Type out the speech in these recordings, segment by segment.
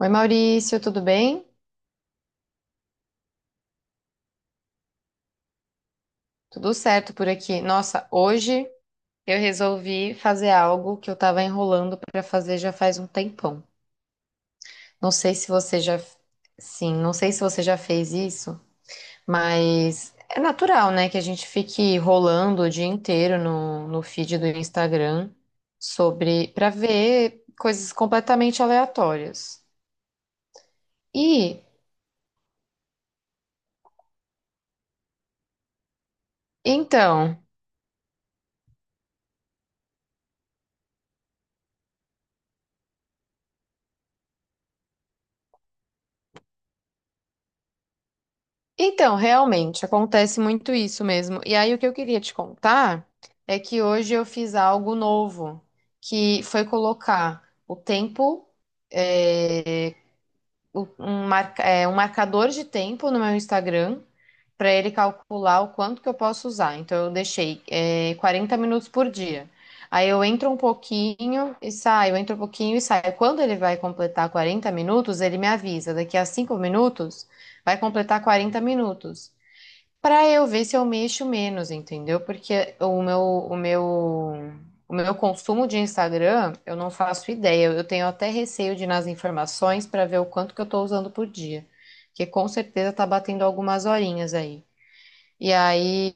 Oi, Maurício, tudo bem? Tudo certo por aqui. Nossa, hoje eu resolvi fazer algo que eu tava enrolando para fazer já faz um tempão. Não sei se você já, sim, não sei se você já fez isso, mas é natural, né, que a gente fique rolando o dia inteiro no feed do Instagram sobre para ver coisas completamente aleatórias. E então, Então, realmente, acontece muito isso mesmo. E aí, o que eu queria te contar é que hoje eu fiz algo novo, que foi colocar o tempo, eh, um marcador de tempo no meu Instagram para ele calcular o quanto que eu posso usar. Então eu deixei 40 minutos por dia. Aí eu entro um pouquinho e saio, entro um pouquinho e saio. Quando ele vai completar 40 minutos, ele me avisa. Daqui a 5 minutos, vai completar 40 minutos. Pra eu ver se eu mexo menos, entendeu? Porque o meu consumo de Instagram, eu não faço ideia. Eu tenho até receio de ir nas informações pra ver o quanto que eu tô usando por dia, que com certeza tá batendo algumas horinhas aí. E aí,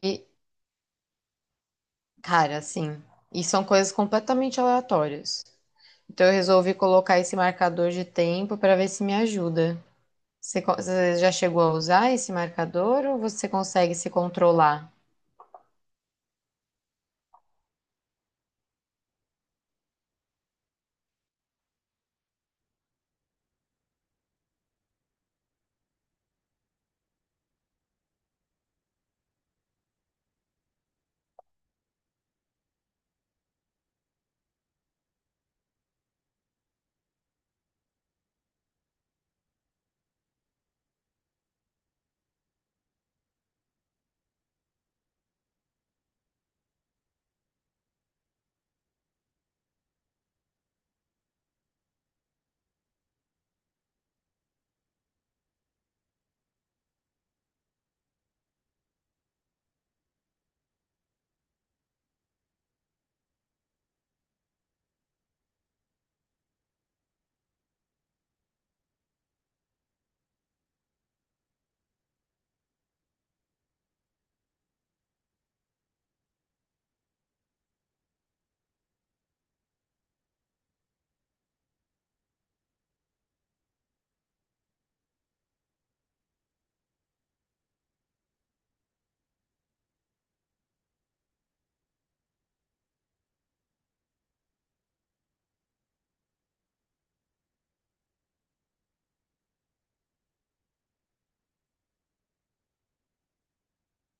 cara, assim, e são coisas completamente aleatórias. Então eu resolvi colocar esse marcador de tempo pra ver se me ajuda. Você já chegou a usar esse marcador ou você consegue se controlar?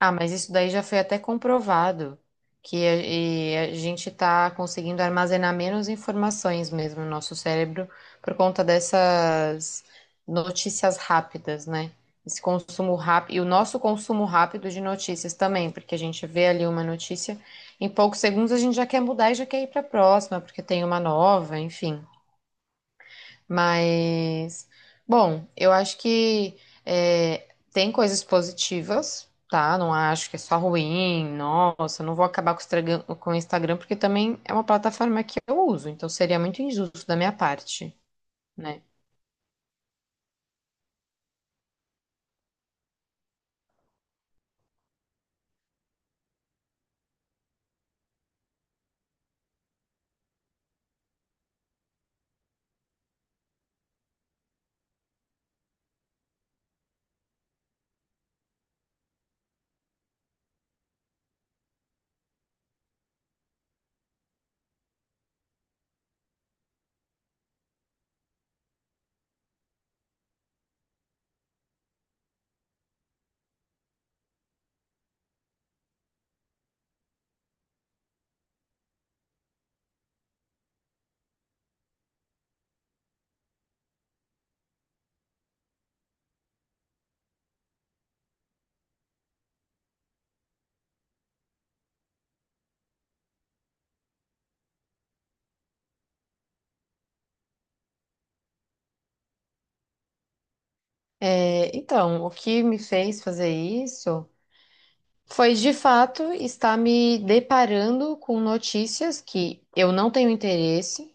Ah, mas isso daí já foi até comprovado, e a gente está conseguindo armazenar menos informações mesmo no nosso cérebro por conta dessas notícias rápidas, né? Esse consumo rápido, e o nosso consumo rápido de notícias também, porque a gente vê ali uma notícia, em poucos segundos a gente já quer mudar e já quer ir para a próxima, porque tem uma nova, enfim. Mas, bom, eu acho que é, tem coisas positivas, tá? Não acho que é só ruim, nossa, eu não vou acabar com o Instagram, porque também é uma plataforma que eu uso, então seria muito injusto da minha parte, né? É, então, o que me fez fazer isso foi de fato estar me deparando com notícias que eu não tenho interesse,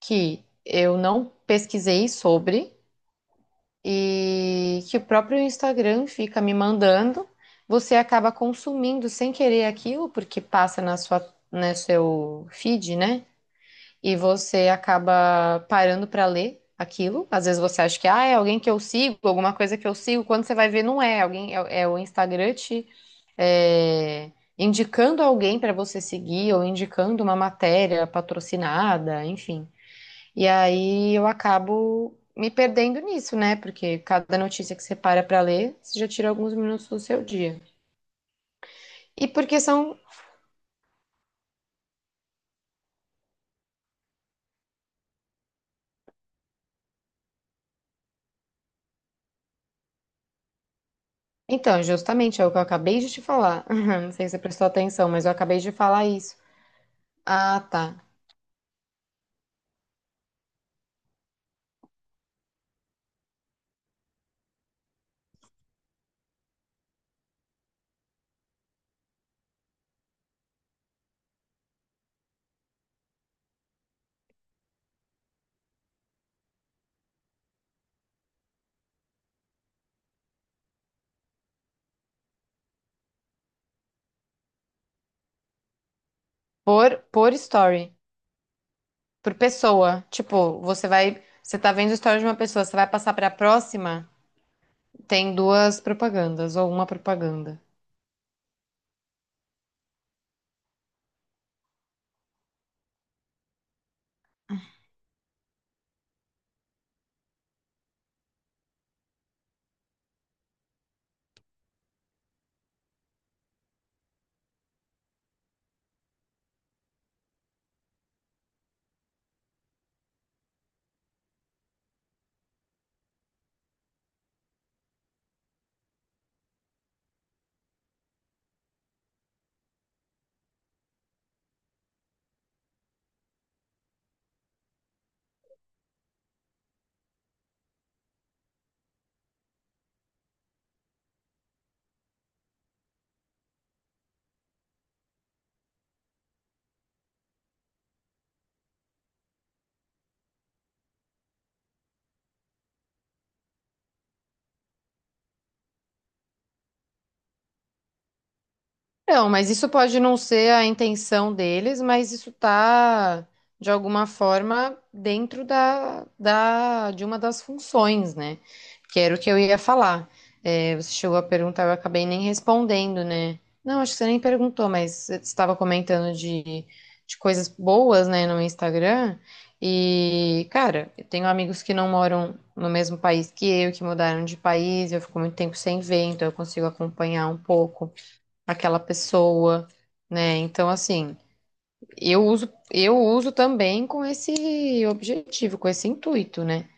que eu não pesquisei sobre e que o próprio Instagram fica me mandando, você acaba consumindo sem querer aquilo, porque passa na sua, no seu feed, né? E você acaba parando para ler aquilo. Às vezes você acha que ah, é alguém que eu sigo, alguma coisa que eu sigo. Quando você vai ver, não é. Alguém é o Instagram te é, indicando alguém para você seguir ou indicando uma matéria patrocinada, enfim. E aí eu acabo me perdendo nisso, né? Porque cada notícia que você para para ler, você já tira alguns minutos do seu dia. E porque são. Então, justamente é o que eu acabei de te falar. Não sei se você prestou atenção, mas eu acabei de falar isso. Ah, tá. Por story, por pessoa. Tipo, você vai. Você tá vendo o story de uma pessoa, você vai passar para a próxima, tem duas propagandas ou uma propaganda. Não, mas isso pode não ser a intenção deles, mas isso tá, de alguma forma, dentro de uma das funções, né? Que era o que eu ia falar. É, você chegou a perguntar, eu acabei nem respondendo, né? Não, acho que você nem perguntou, mas você estava comentando de coisas boas, né, no Instagram. E, cara, eu tenho amigos que não moram no mesmo país que eu, que mudaram de país, eu fico muito tempo sem ver, então eu consigo acompanhar um pouco aquela pessoa, né? Então, assim, eu uso também com esse objetivo, com esse intuito, né?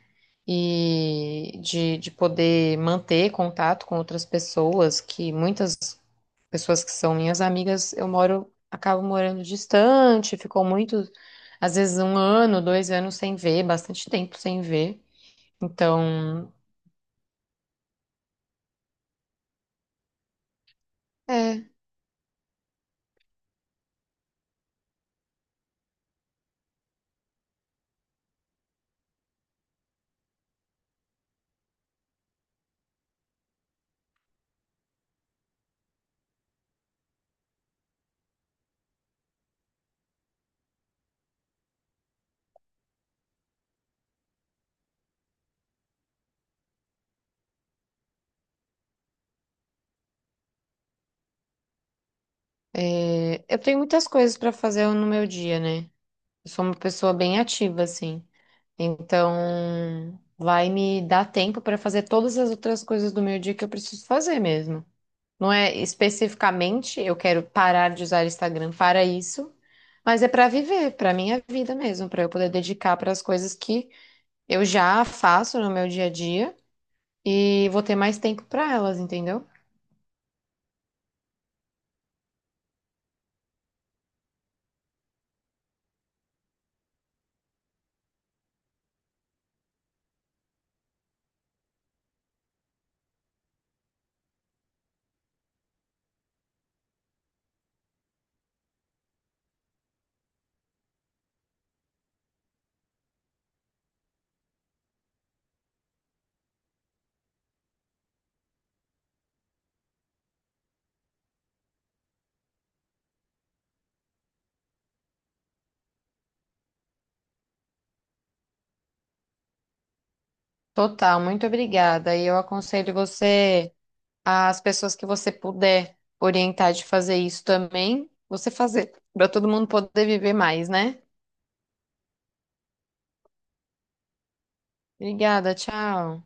E de poder manter contato com outras pessoas, que muitas pessoas que são minhas amigas, eu moro, acabo morando distante, ficou muito, às vezes um ano, 2 anos sem ver, bastante tempo sem ver. Então, é, eu tenho muitas coisas para fazer no meu dia, né? Eu sou uma pessoa bem ativa, assim. Então, vai me dar tempo para fazer todas as outras coisas do meu dia que eu preciso fazer mesmo. Não é especificamente eu quero parar de usar Instagram para isso, mas é para viver, para minha vida mesmo, para eu poder dedicar para as coisas que eu já faço no meu dia a dia e vou ter mais tempo para elas, entendeu? Total, muito obrigada. E eu aconselho você, as pessoas que você puder orientar de fazer isso também, você fazer, para todo mundo poder viver mais, né? Obrigada, tchau.